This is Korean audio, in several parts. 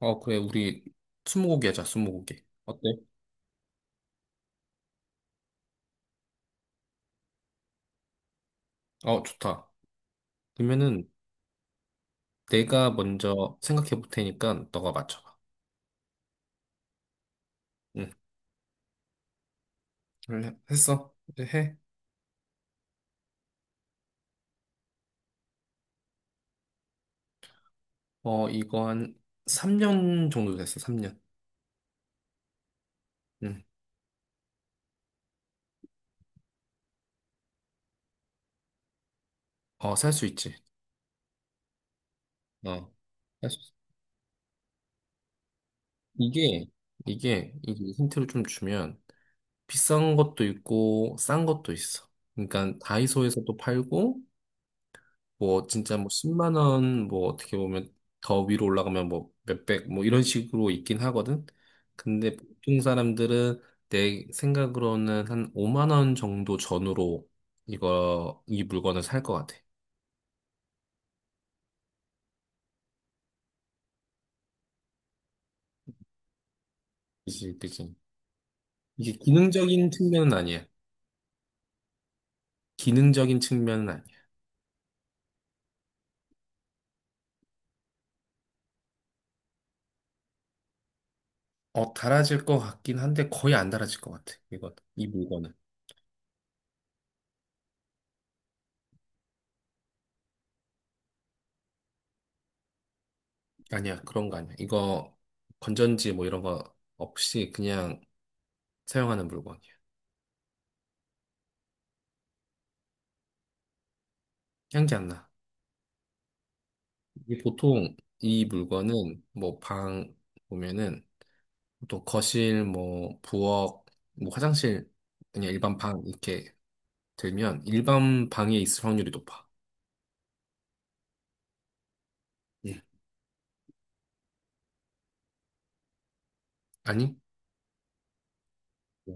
어, 그래, 우리 스무고개 하자, 스무고개. 어때? 어, 좋다. 그러면은 내가 먼저 생각해 볼 테니까 너가 맞춰봐. 응, 그래, 했어. 이제 해. 어, 이거 한 3년 정도 됐어, 3년. 응. 어, 살 수 있지. 어, 살 수 있어. 이게, 이게 힌트를 좀 주면 비싼 것도 있고, 싼 것도 있어. 그러니까 다이소에서도 팔고, 뭐 진짜 뭐 10만 원 뭐 어떻게 보면 더 위로 올라가면 뭐 몇백 뭐 이런 식으로 있긴 하거든. 근데 보통 사람들은 내 생각으로는 한 5만 원 정도 전후로 이거 이 물건을 살 것 같아. 그치, 그치. 이게 기능적인 측면은 아니야. 기능적인 측면은 아니야. 어, 달아질 것 같긴 한데 거의 안 달아질 것 같아. 이거 이 물건은. 아니야, 그런 거 아니야. 이거 건전지 뭐 이런 거 없이 그냥 사용하는 물건이야. 향기 안 나. 이 보통 이 물건은 뭐 방 보면은 보통 거실 뭐 부엌 뭐 화장실 그냥 일반 방 이렇게 들면 일반 방에 있을 확률이 높아. 예. 아니? 예.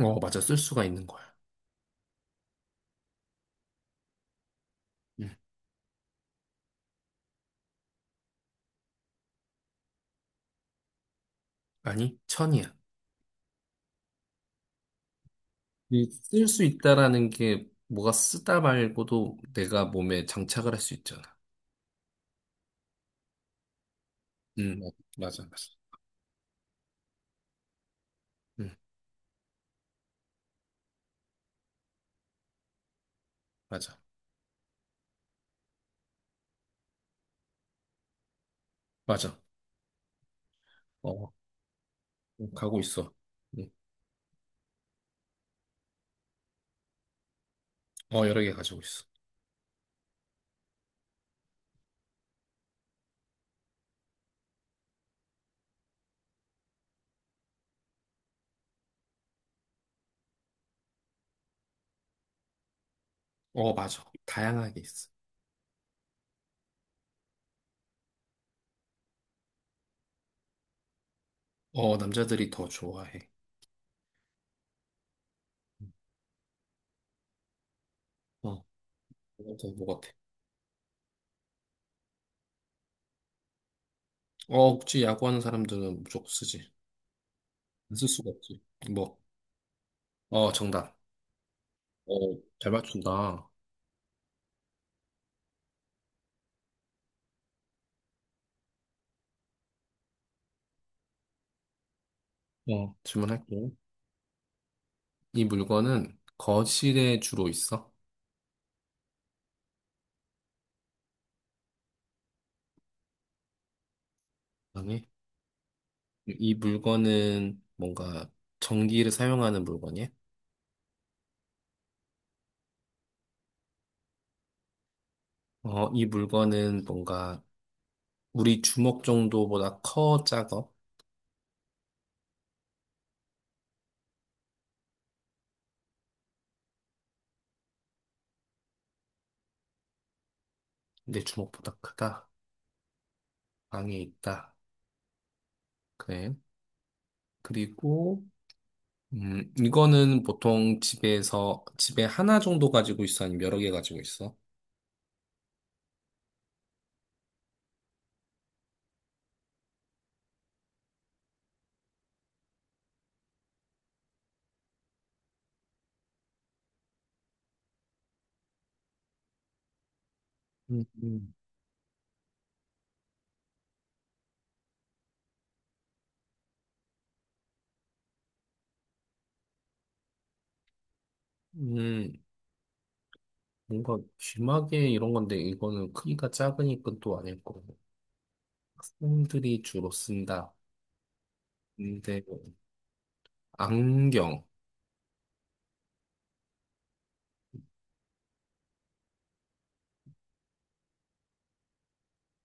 어, 맞아. 쓸 수가 있는 거야. 예. 아니, 천이야. 쓸 수 있다라는 게 뭐가 쓰다 말고도 내가 몸에 장착을 할 수 있잖아. 어, 맞아, 맞아. 응, 맞아, 맞아. 어, 가고 있어. 음. 어, 여러 개 가지고 있어. 어, 맞아. 다양하게 있어. 어, 남자들이 더 좋아해. 어, 더뭐 같아. 어, 혹시 야구하는 사람들은 무조건 쓰지. 안 쓸 수가 없지. 뭐. 어, 정답. 어, 잘 맞춘다. 질문할게. 이 물건은 거실에 주로 있어? 아니. 이 물건은 뭔가 전기를 사용하는 물건이야? 어, 이 물건은 뭔가 우리 주먹 정도보다 커, 작아? 내 주먹보다 크다. 방에 있다. 그래. 그리고 이거는 보통 집에서, 집에 하나 정도 가지고 있어? 아니면 여러 개 가지고 있어? 음, 음. 음, 뭔가 귀마개 이런 건데, 이거는 크기가 작으니까 또 아닐 거고. 학생들이 주로 쓴다. 근데, 안경.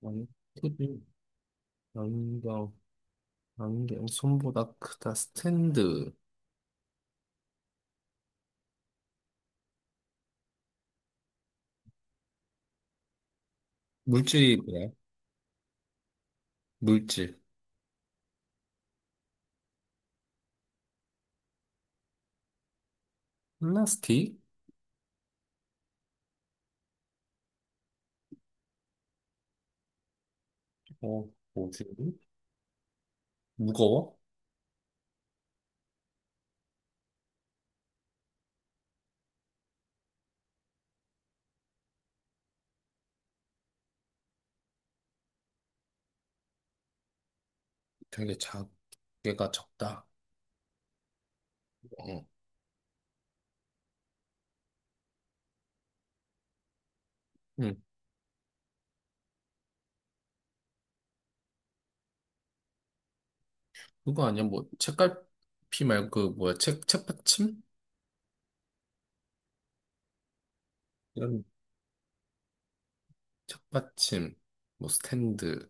안- 크기, 안경, 안경, 손보다 크다. 스탠드. 물질이 뭐야? 물질. 플라스틱? 어, 뭐지? 무거워? 되게 작게가 적다. 어. 응. 그거 아니야? 뭐 책갈피 말고 그 뭐야? 책 책받침? 이런 책받침, 뭐 스탠드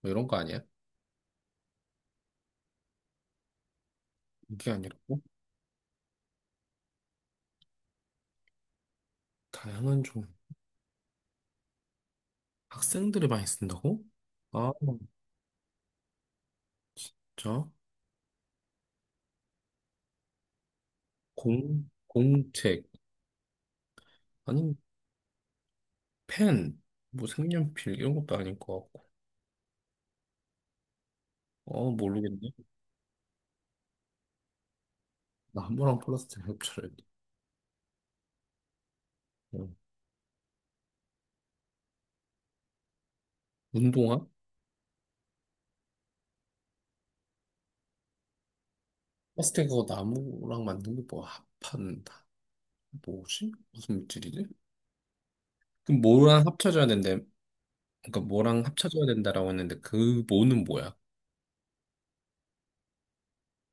뭐 이런 거 아니야? 이게 아니라고? 다양한 종 학생들이 많이 쓴다고? 아, 진짜? 공 공책. 아니 펜, 뭐 색연필 이런 것도 아닐 것 같고. 어 모르겠네. 나무랑 플라스틱 협철. 응. 운동화? 플라스틱 그거 나무랑 만든 게 뭐 합한 뭐지? 무슨 물질이지? 그럼 뭐랑 합쳐져야 된대? 그러니까 뭐랑 합쳐줘야 된다라고 했는데 그 뭐는 뭐야?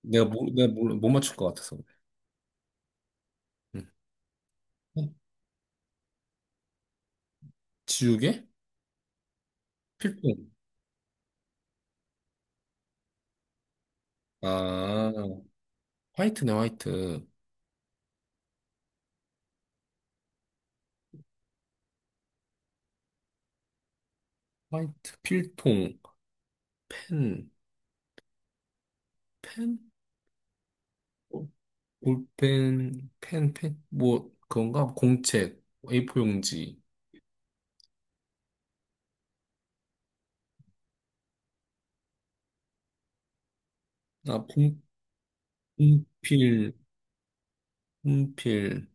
내가 뭐 내가 뭘 못 맞출 것 같아서. 그래. 응. 어, 지우개? 필통. 아, 화이트네, 화이트. 화이트 필통 펜 펜? 어, 볼펜 펜펜뭐 그건가? 공책, A4 용지. 아 분필, 분필,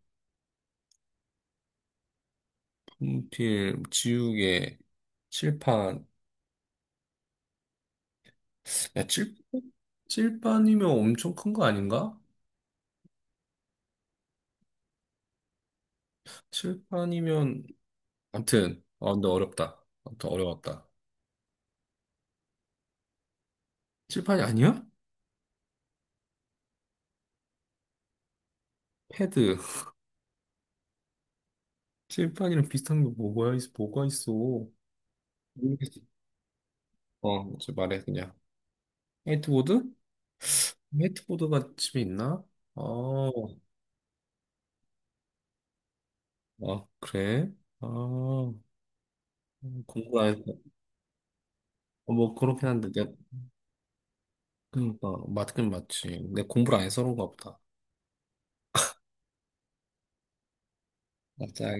분필, 지우개, 칠판. 야 칠. 칠판이면 엄청 큰 거 아닌가? 칠판이면 아무튼 근데 어렵다. 아무튼 어려웠다. 칠판이 아니야? 패드. 칠판이랑 비슷한 게 뭐가 있어? 뭐가 있어? 모르겠어. 어, 이제 말해 그냥. 화이트보드? 화이트보드가 집에 있나? 아, 아 그래? 아, 공부 안 해서 어, 뭐 그렇긴 한데 내가 그러니까 맞긴 맞지. 내가 공부를 안 해서 그런가 보다. 맞아, 알겠어.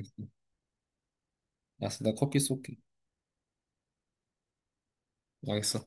알았어, 나 커피 쏠게. 알겠어.